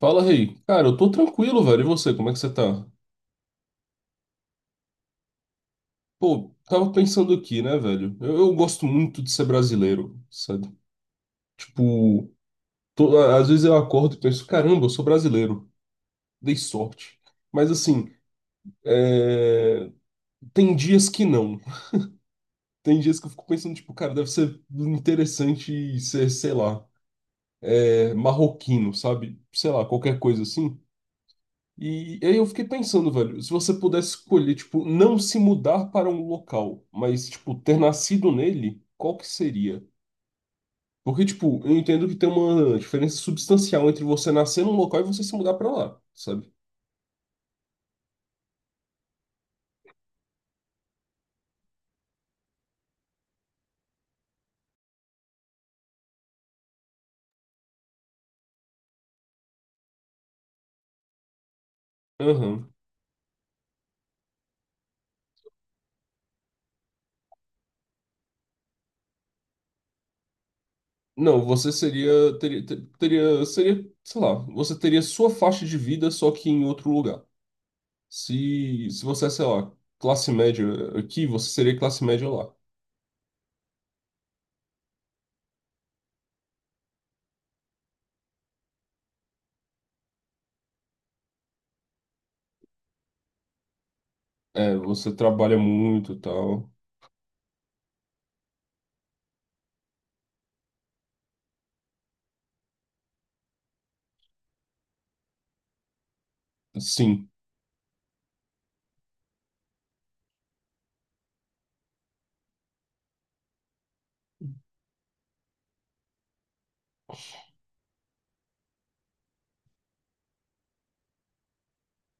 Fala, Rei. Cara, eu tô tranquilo, velho. E você, como é que você tá? Pô, tava pensando aqui, né, velho? Eu gosto muito de ser brasileiro, sabe? Tipo, às vezes eu acordo e penso, caramba, eu sou brasileiro. Dei sorte. Mas assim, é, tem dias que não. Tem dias que eu fico pensando, tipo, cara, deve ser interessante ser, sei lá, marroquino, sabe? Sei lá, qualquer coisa assim. E aí eu fiquei pensando, velho, se você pudesse escolher, tipo, não se mudar para um local, mas, tipo, ter nascido nele, qual que seria? Porque, tipo, eu entendo que tem uma diferença substancial entre você nascer num local e você se mudar para lá, sabe? Aham. Não, você seria, teria, seria, sei lá, você teria sua faixa de vida, só que em outro lugar. Se você é, sei lá, classe média aqui, você seria classe média lá. É, você trabalha muito e tal. Sim.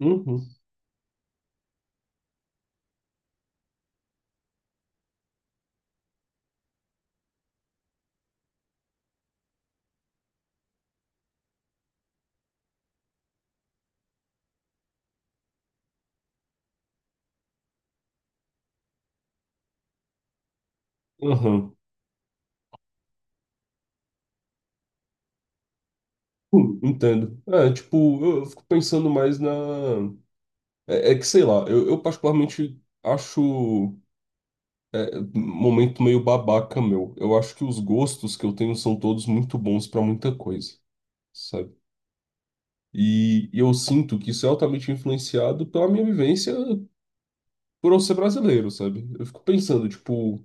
Uhum. Aham. Entendo. É, tipo, eu fico pensando mais na. É que sei lá, eu particularmente acho. É, um momento meio babaca meu. Eu acho que os gostos que eu tenho são todos muito bons pra muita coisa, sabe? E eu sinto que isso é altamente influenciado pela minha vivência por eu ser brasileiro, sabe? Eu fico pensando, tipo.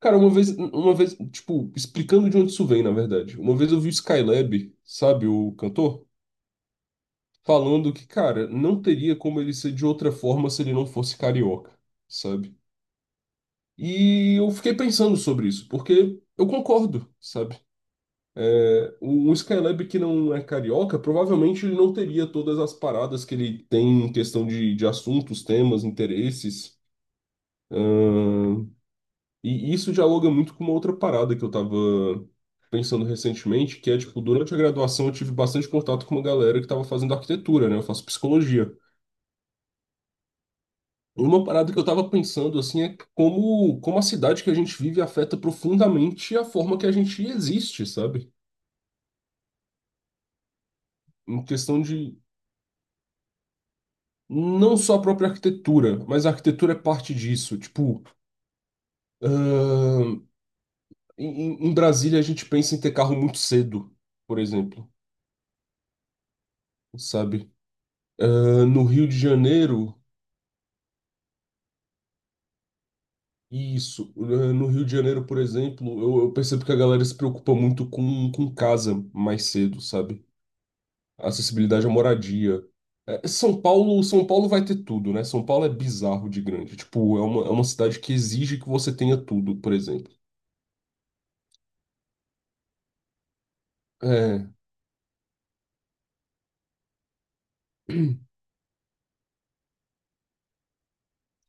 Cara, uma vez, tipo, explicando de onde isso vem, na verdade. Uma vez eu vi o Skylab, sabe, o cantor? Falando que, cara, não teria como ele ser de outra forma se ele não fosse carioca, sabe? E eu fiquei pensando sobre isso, porque eu concordo, sabe? É, o Skylab que não é carioca, provavelmente ele não teria todas as paradas que ele tem em questão de assuntos, temas, interesses. ahn, e isso dialoga muito com uma outra parada que eu tava pensando recentemente, que é, tipo, durante a graduação eu tive bastante contato com uma galera que tava fazendo arquitetura, né? Eu faço psicologia. Uma parada que eu tava pensando assim é como, a cidade que a gente vive afeta profundamente a forma que a gente existe, sabe? Em questão de não só a própria arquitetura, mas a arquitetura é parte disso. Tipo, ahn, em, em Brasília a gente pensa em ter carro muito cedo, por exemplo, sabe? No Rio de Janeiro. Isso. No Rio de Janeiro, por exemplo, eu percebo que a galera se preocupa muito com, casa mais cedo, sabe? Acessibilidade à moradia. É, São Paulo, São Paulo vai ter tudo, né? São Paulo é bizarro de grande. Tipo, é uma cidade que exige que você tenha tudo, por exemplo. É,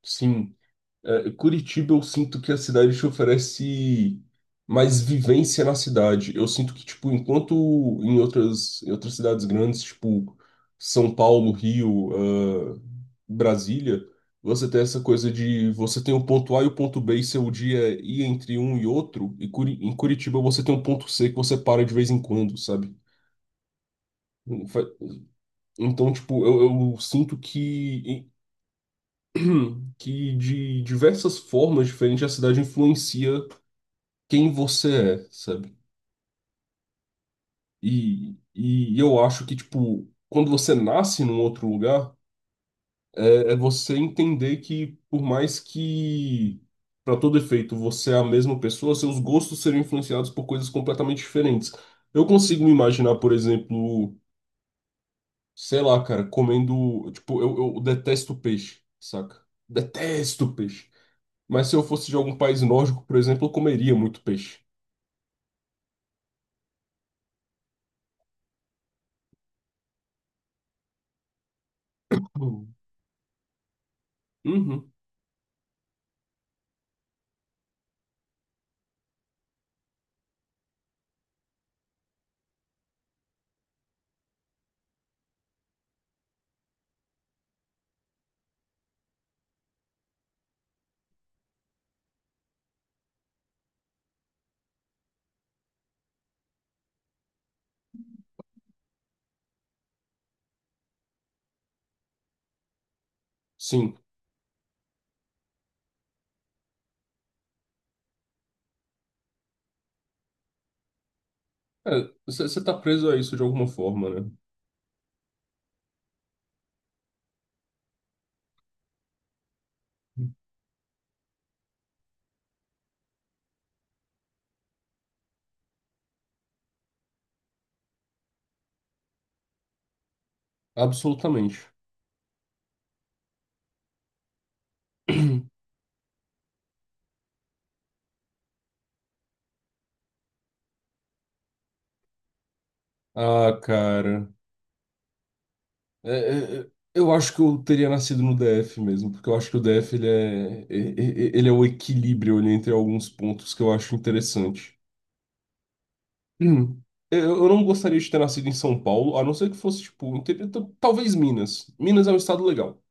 sim. É, Curitiba, eu sinto que a cidade te oferece mais vivência na cidade. Eu sinto que, tipo, enquanto em outras, cidades grandes, tipo São Paulo, Rio, ah, Brasília, você tem essa coisa de você tem o ponto A e o ponto B e seu dia é ir entre um e outro, e em Curitiba você tem um ponto C que você para de vez em quando, sabe? Fa- Então, tipo, eu, sinto que, que de diversas formas diferentes a cidade influencia quem você é, sabe? E eu acho que, tipo, quando você nasce num outro lugar, é você entender que, por mais que, para todo efeito, você é a mesma pessoa, seus gostos serão influenciados por coisas completamente diferentes. Eu consigo me imaginar, por exemplo, sei lá, cara, comendo. Tipo, eu detesto peixe, saca? Detesto peixe. Mas se eu fosse de algum país nórdico, por exemplo, eu comeria muito peixe. Uhum. Uhum. Sim. É, você tá preso a isso de alguma forma, né? Absolutamente. Ah, cara. Eu acho que eu teria nascido no DF mesmo, porque eu acho que o DF ele é o equilíbrio ali entre alguns pontos que eu acho interessante. Hum. Eu não gostaria de ter nascido em São Paulo, a não ser que fosse, tipo, talvez Minas. Minas é um estado legal.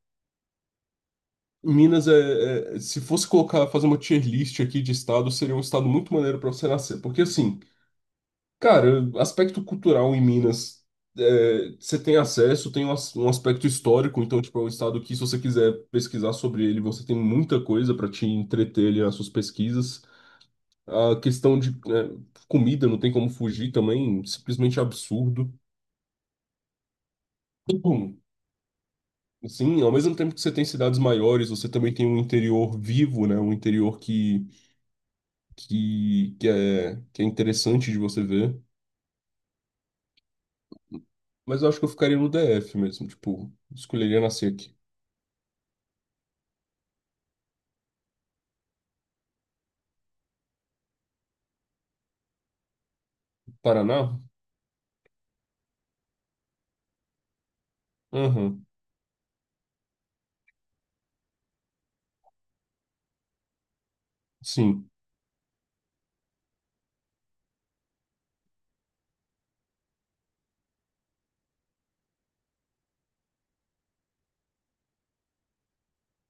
Minas é, se fosse colocar, fazer uma tier list aqui de estado, seria um estado muito maneiro pra você nascer. Porque, assim, cara, aspecto cultural em Minas, você tem acesso, tem um, um aspecto histórico, então, tipo, é um estado que, se você quiser pesquisar sobre ele, você tem muita coisa para te entreter ali nas suas pesquisas. A questão de, comida, não tem como fugir também, simplesmente absurdo. Bom, sim, ao mesmo tempo que você tem cidades maiores, você também tem um interior vivo, né? Um interior que é interessante de você ver. Mas eu acho que eu ficaria no DF mesmo, tipo, escolheria nascer aqui. Paraná? Aham, sim,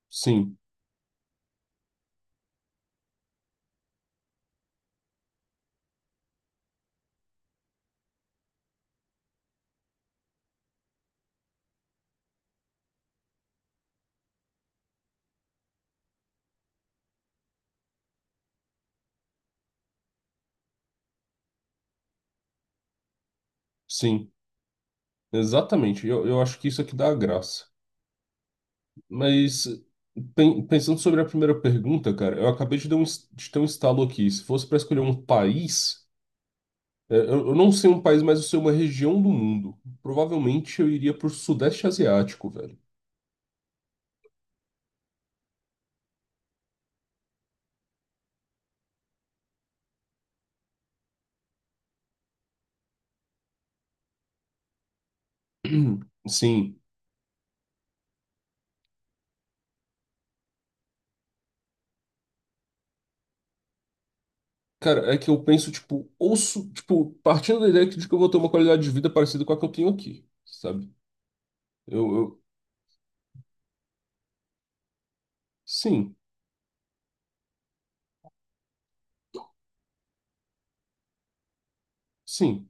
sim, sim, exatamente. Eu acho que isso aqui dá a graça. Mas pensando sobre a primeira pergunta, cara, eu acabei de de ter um estalo aqui. Se fosse para escolher um país, eu, não sei um país, mas eu sei uma região do mundo. Provavelmente eu iria pro Sudeste Asiático, velho. Sim. Cara, é que eu penso, tipo, ouço, tipo, partindo da ideia de que eu vou ter uma qualidade de vida parecida com a que eu tenho aqui, sabe? Eu... Sim, sim.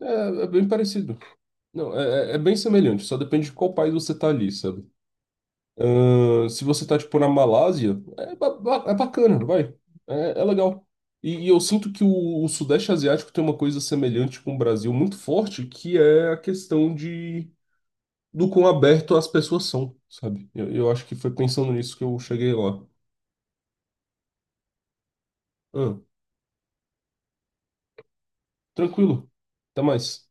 É bem parecido. Não, é bem semelhante, só depende de qual país você tá ali, sabe? Se você tá, tipo, na Malásia, é bacana, vai. É legal. E eu sinto que o Sudeste Asiático tem uma coisa semelhante com o Brasil muito forte, que é a questão de do quão aberto as pessoas são, sabe? Eu acho que foi pensando nisso que eu cheguei lá. Ah, tranquilo. Até mais.